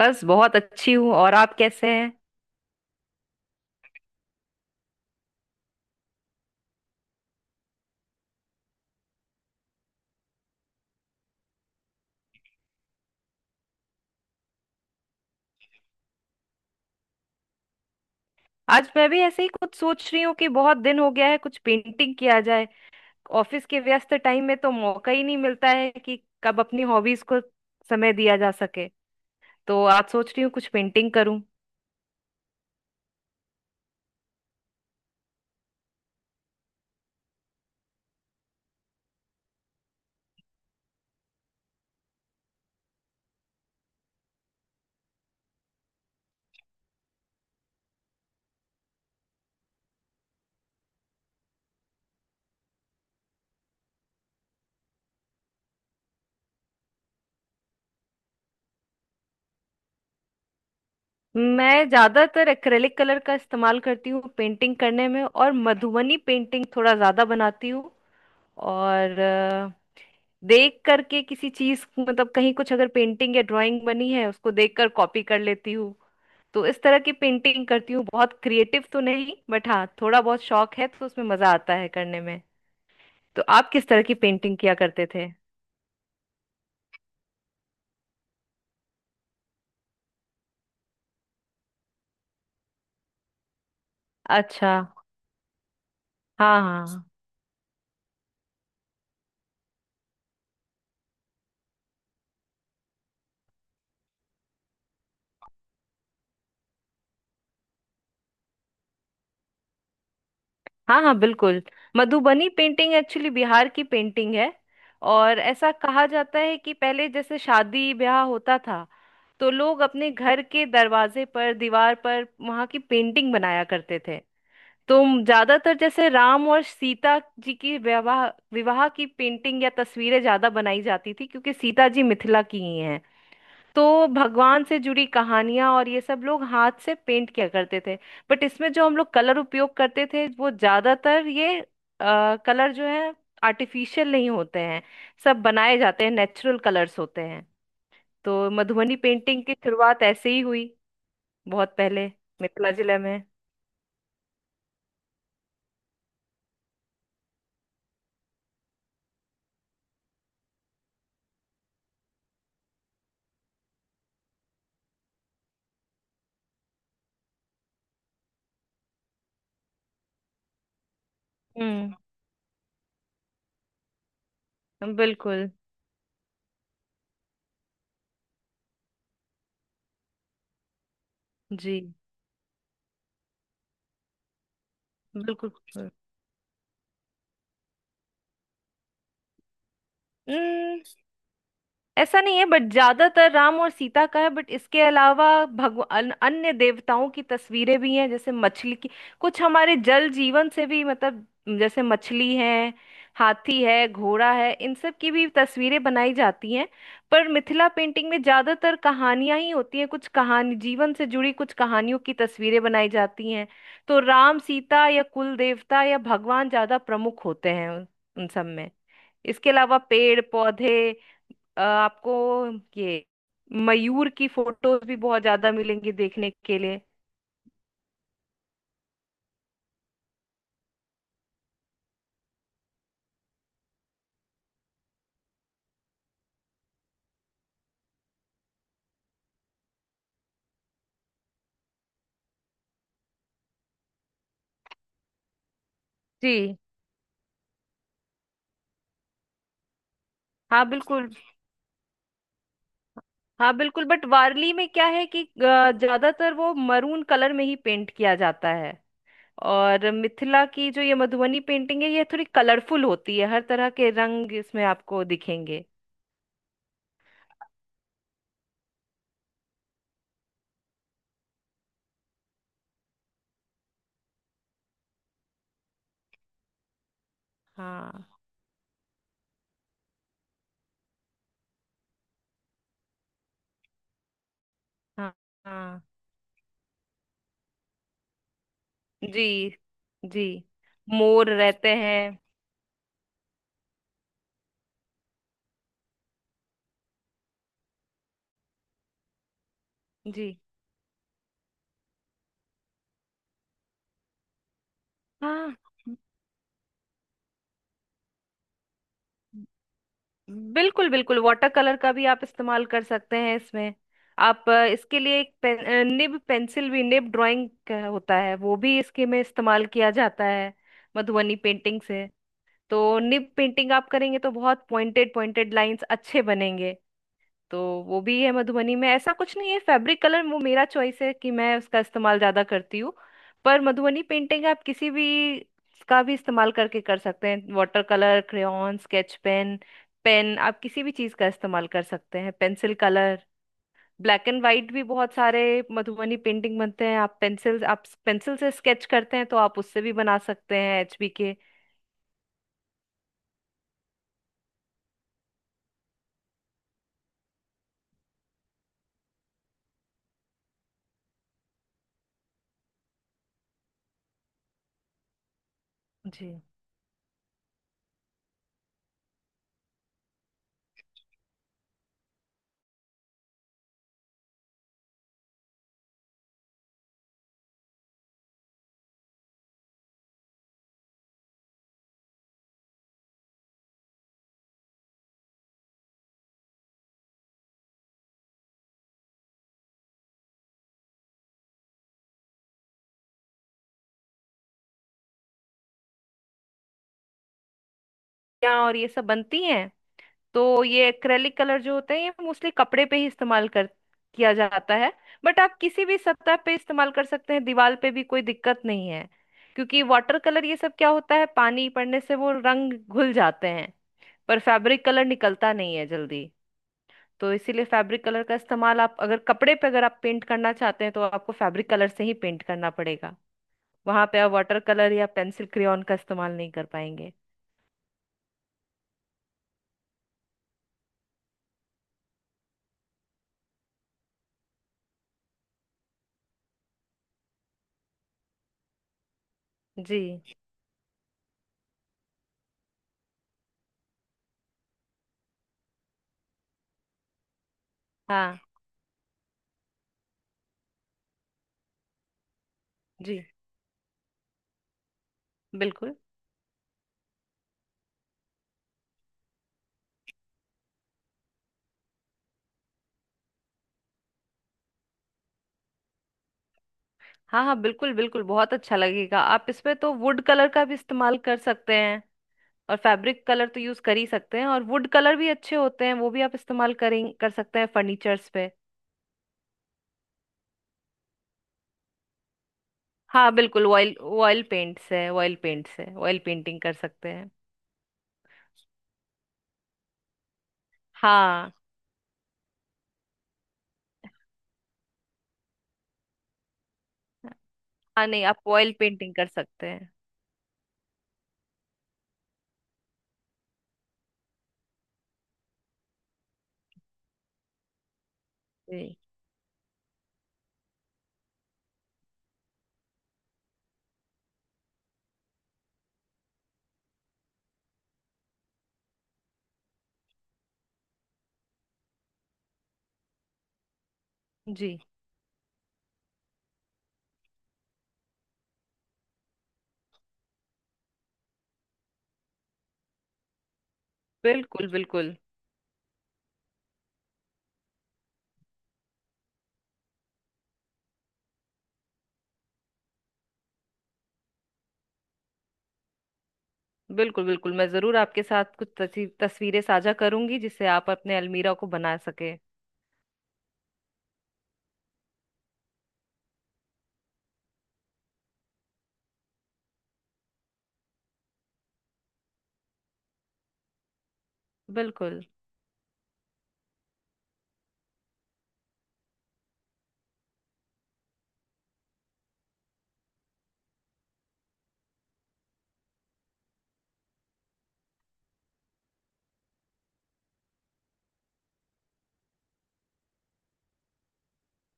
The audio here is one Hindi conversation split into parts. बस बहुत अच्छी हूँ। और आप कैसे हैं? आज मैं भी ऐसे ही कुछ सोच रही हूँ कि बहुत दिन हो गया है, कुछ पेंटिंग किया जाए। ऑफिस के व्यस्त टाइम में तो मौका ही नहीं मिलता है कि कब अपनी हॉबीज को समय दिया जा सके। तो आज सोच रही हूँ कुछ पेंटिंग करूँ। मैं ज्यादातर एक्रेलिक कलर का इस्तेमाल करती हूँ पेंटिंग करने में, और मधुबनी पेंटिंग थोड़ा ज्यादा बनाती हूँ। और देख करके किसी चीज मतलब, कहीं कुछ अगर पेंटिंग या ड्राइंग बनी है उसको देख कर कॉपी कर लेती हूँ। तो इस तरह की पेंटिंग करती हूँ। बहुत क्रिएटिव तो नहीं, बट हाँ थोड़ा बहुत शौक है तो उसमें मजा आता है करने में। तो आप किस तरह की पेंटिंग किया करते थे? अच्छा। हाँ हाँ। हाँ हाँ बिल्कुल। मधुबनी पेंटिंग एक्चुअली बिहार की पेंटिंग है। और ऐसा कहा जाता है कि पहले जैसे शादी ब्याह होता था, तो लोग अपने घर के दरवाजे पर, दीवार पर वहाँ की पेंटिंग बनाया करते थे। तुम ज्यादातर जैसे राम और सीता जी की विवाह विवाह की पेंटिंग या तस्वीरें ज्यादा बनाई जाती थी, क्योंकि सीता जी मिथिला की ही हैं। तो भगवान से जुड़ी कहानियां और ये सब लोग हाथ से पेंट किया करते थे। बट इसमें जो हम लोग कलर उपयोग करते थे वो ज्यादातर ये कलर जो है, आर्टिफिशियल नहीं होते हैं। सब बनाए जाते हैं, नेचुरल कलर्स होते हैं। तो मधुबनी पेंटिंग की शुरुआत ऐसे ही हुई, बहुत पहले मिथिला जिले में। हम्म बिल्कुल। जी बिल्कुल बिल्कुल। हम्म, ऐसा नहीं है, बट ज्यादातर राम और सीता का है। बट इसके अलावा भगवान अन्य देवताओं की तस्वीरें भी हैं, जैसे मछली की। कुछ हमारे जल जीवन से भी, मतलब जैसे मछली है, हाथी है, घोड़ा है, इन सब की भी तस्वीरें बनाई जाती हैं। पर मिथिला पेंटिंग में ज्यादातर कहानियां ही होती हैं, कुछ कहानी जीवन से जुड़ी, कुछ कहानियों की तस्वीरें बनाई जाती हैं। तो राम सीता या कुल देवता या भगवान ज्यादा प्रमुख होते हैं उन उन सब में। इसके अलावा पेड़ पौधे, आपको ये मयूर की फोटोज भी बहुत ज्यादा मिलेंगी देखने के लिए। जी। हाँ बिल्कुल। हाँ बिल्कुल, बट वारली में क्या है कि ज्यादातर वो मरून कलर में ही पेंट किया जाता है। और मिथिला की जो ये मधुबनी पेंटिंग है, ये थोड़ी कलरफुल होती है, हर तरह के रंग इसमें आपको दिखेंगे। हाँ हाँ। हाँ। जी जी, मोर रहते हैं। जी। हाँ। बिल्कुल बिल्कुल, वाटर कलर का भी आप इस्तेमाल कर सकते हैं इसमें। आप इसके लिए एक निब पेंसिल भी, निब ड्राइंग होता है, वो भी इसके में इस्तेमाल किया जाता है मधुबनी पेंटिंग से। तो निब पेंटिंग आप करेंगे तो बहुत पॉइंटेड पॉइंटेड लाइंस अच्छे बनेंगे। तो वो भी है मधुबनी में, ऐसा कुछ नहीं है। फैब्रिक कलर वो मेरा चॉइस है कि मैं उसका इस्तेमाल ज्यादा करती हूँ। पर मधुबनी पेंटिंग आप किसी भी का भी इस्तेमाल करके कर सकते हैं: water colour, crayon, sketch pen. Pen आप किसी भी चीज का इस्तेमाल कर सकते हैं, pencil colour, black and white भी बहुत सारे मधुबनी पेंटिंग बनते हैं। आप पेंसिल, आप पेंसिल से स्केच करते हैं तो आप उससे भी बना सकते हैं, एचबी के। जी। क्या और ये सब बनती हैं। तो ये एक्रेलिक कलर जो होते हैं ये मोस्टली कपड़े पे ही इस्तेमाल कर किया जाता है। बट आप किसी भी सतह पे इस्तेमाल कर सकते हैं, दीवार पे भी कोई दिक्कत नहीं है। क्योंकि वाटर कलर, ये सब क्या होता है, पानी पड़ने से वो रंग घुल जाते हैं। पर फैब्रिक कलर निकलता नहीं है जल्दी। तो इसीलिए फैब्रिक कलर का इस्तेमाल, आप अगर कपड़े पे अगर आप पेंट करना चाहते हैं तो आपको फैब्रिक कलर से ही पेंट करना पड़ेगा। वहां पे आप वाटर कलर या पेंसिल क्रेयॉन का इस्तेमाल नहीं कर पाएंगे। जी। हाँ। जी बिल्कुल। हाँ हाँ बिल्कुल बिल्कुल, बहुत अच्छा लगेगा। आप इसमें तो वुड कलर का भी इस्तेमाल कर सकते हैं। और फैब्रिक कलर तो यूज कर ही सकते हैं, और वुड कलर भी अच्छे होते हैं, वो भी आप इस्तेमाल करें, कर सकते हैं फर्नीचर्स पे। हाँ बिल्कुल, ऑयल ऑयल पेंट से ऑयल पेंट से ऑयल पेंटिंग कर सकते हैं। हाँ हाँ, नहीं आप ऑयल पेंटिंग कर सकते हैं। जी जी बिल्कुल बिल्कुल। बिल्कुल बिल्कुल, मैं जरूर आपके साथ कुछ तस्वीरें साझा करूंगी, जिससे आप अपने अलमीरा को बना सके। बिल्कुल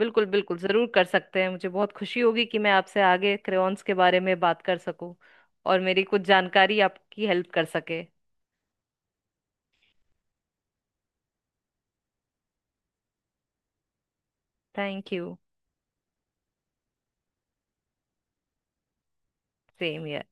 बिल्कुल बिल्कुल, जरूर कर सकते हैं। मुझे बहुत खुशी होगी कि मैं आपसे आगे क्रेयॉन्स के बारे में बात कर सकूं, और मेरी कुछ जानकारी आपकी हेल्प कर सके। Thank you. सेम।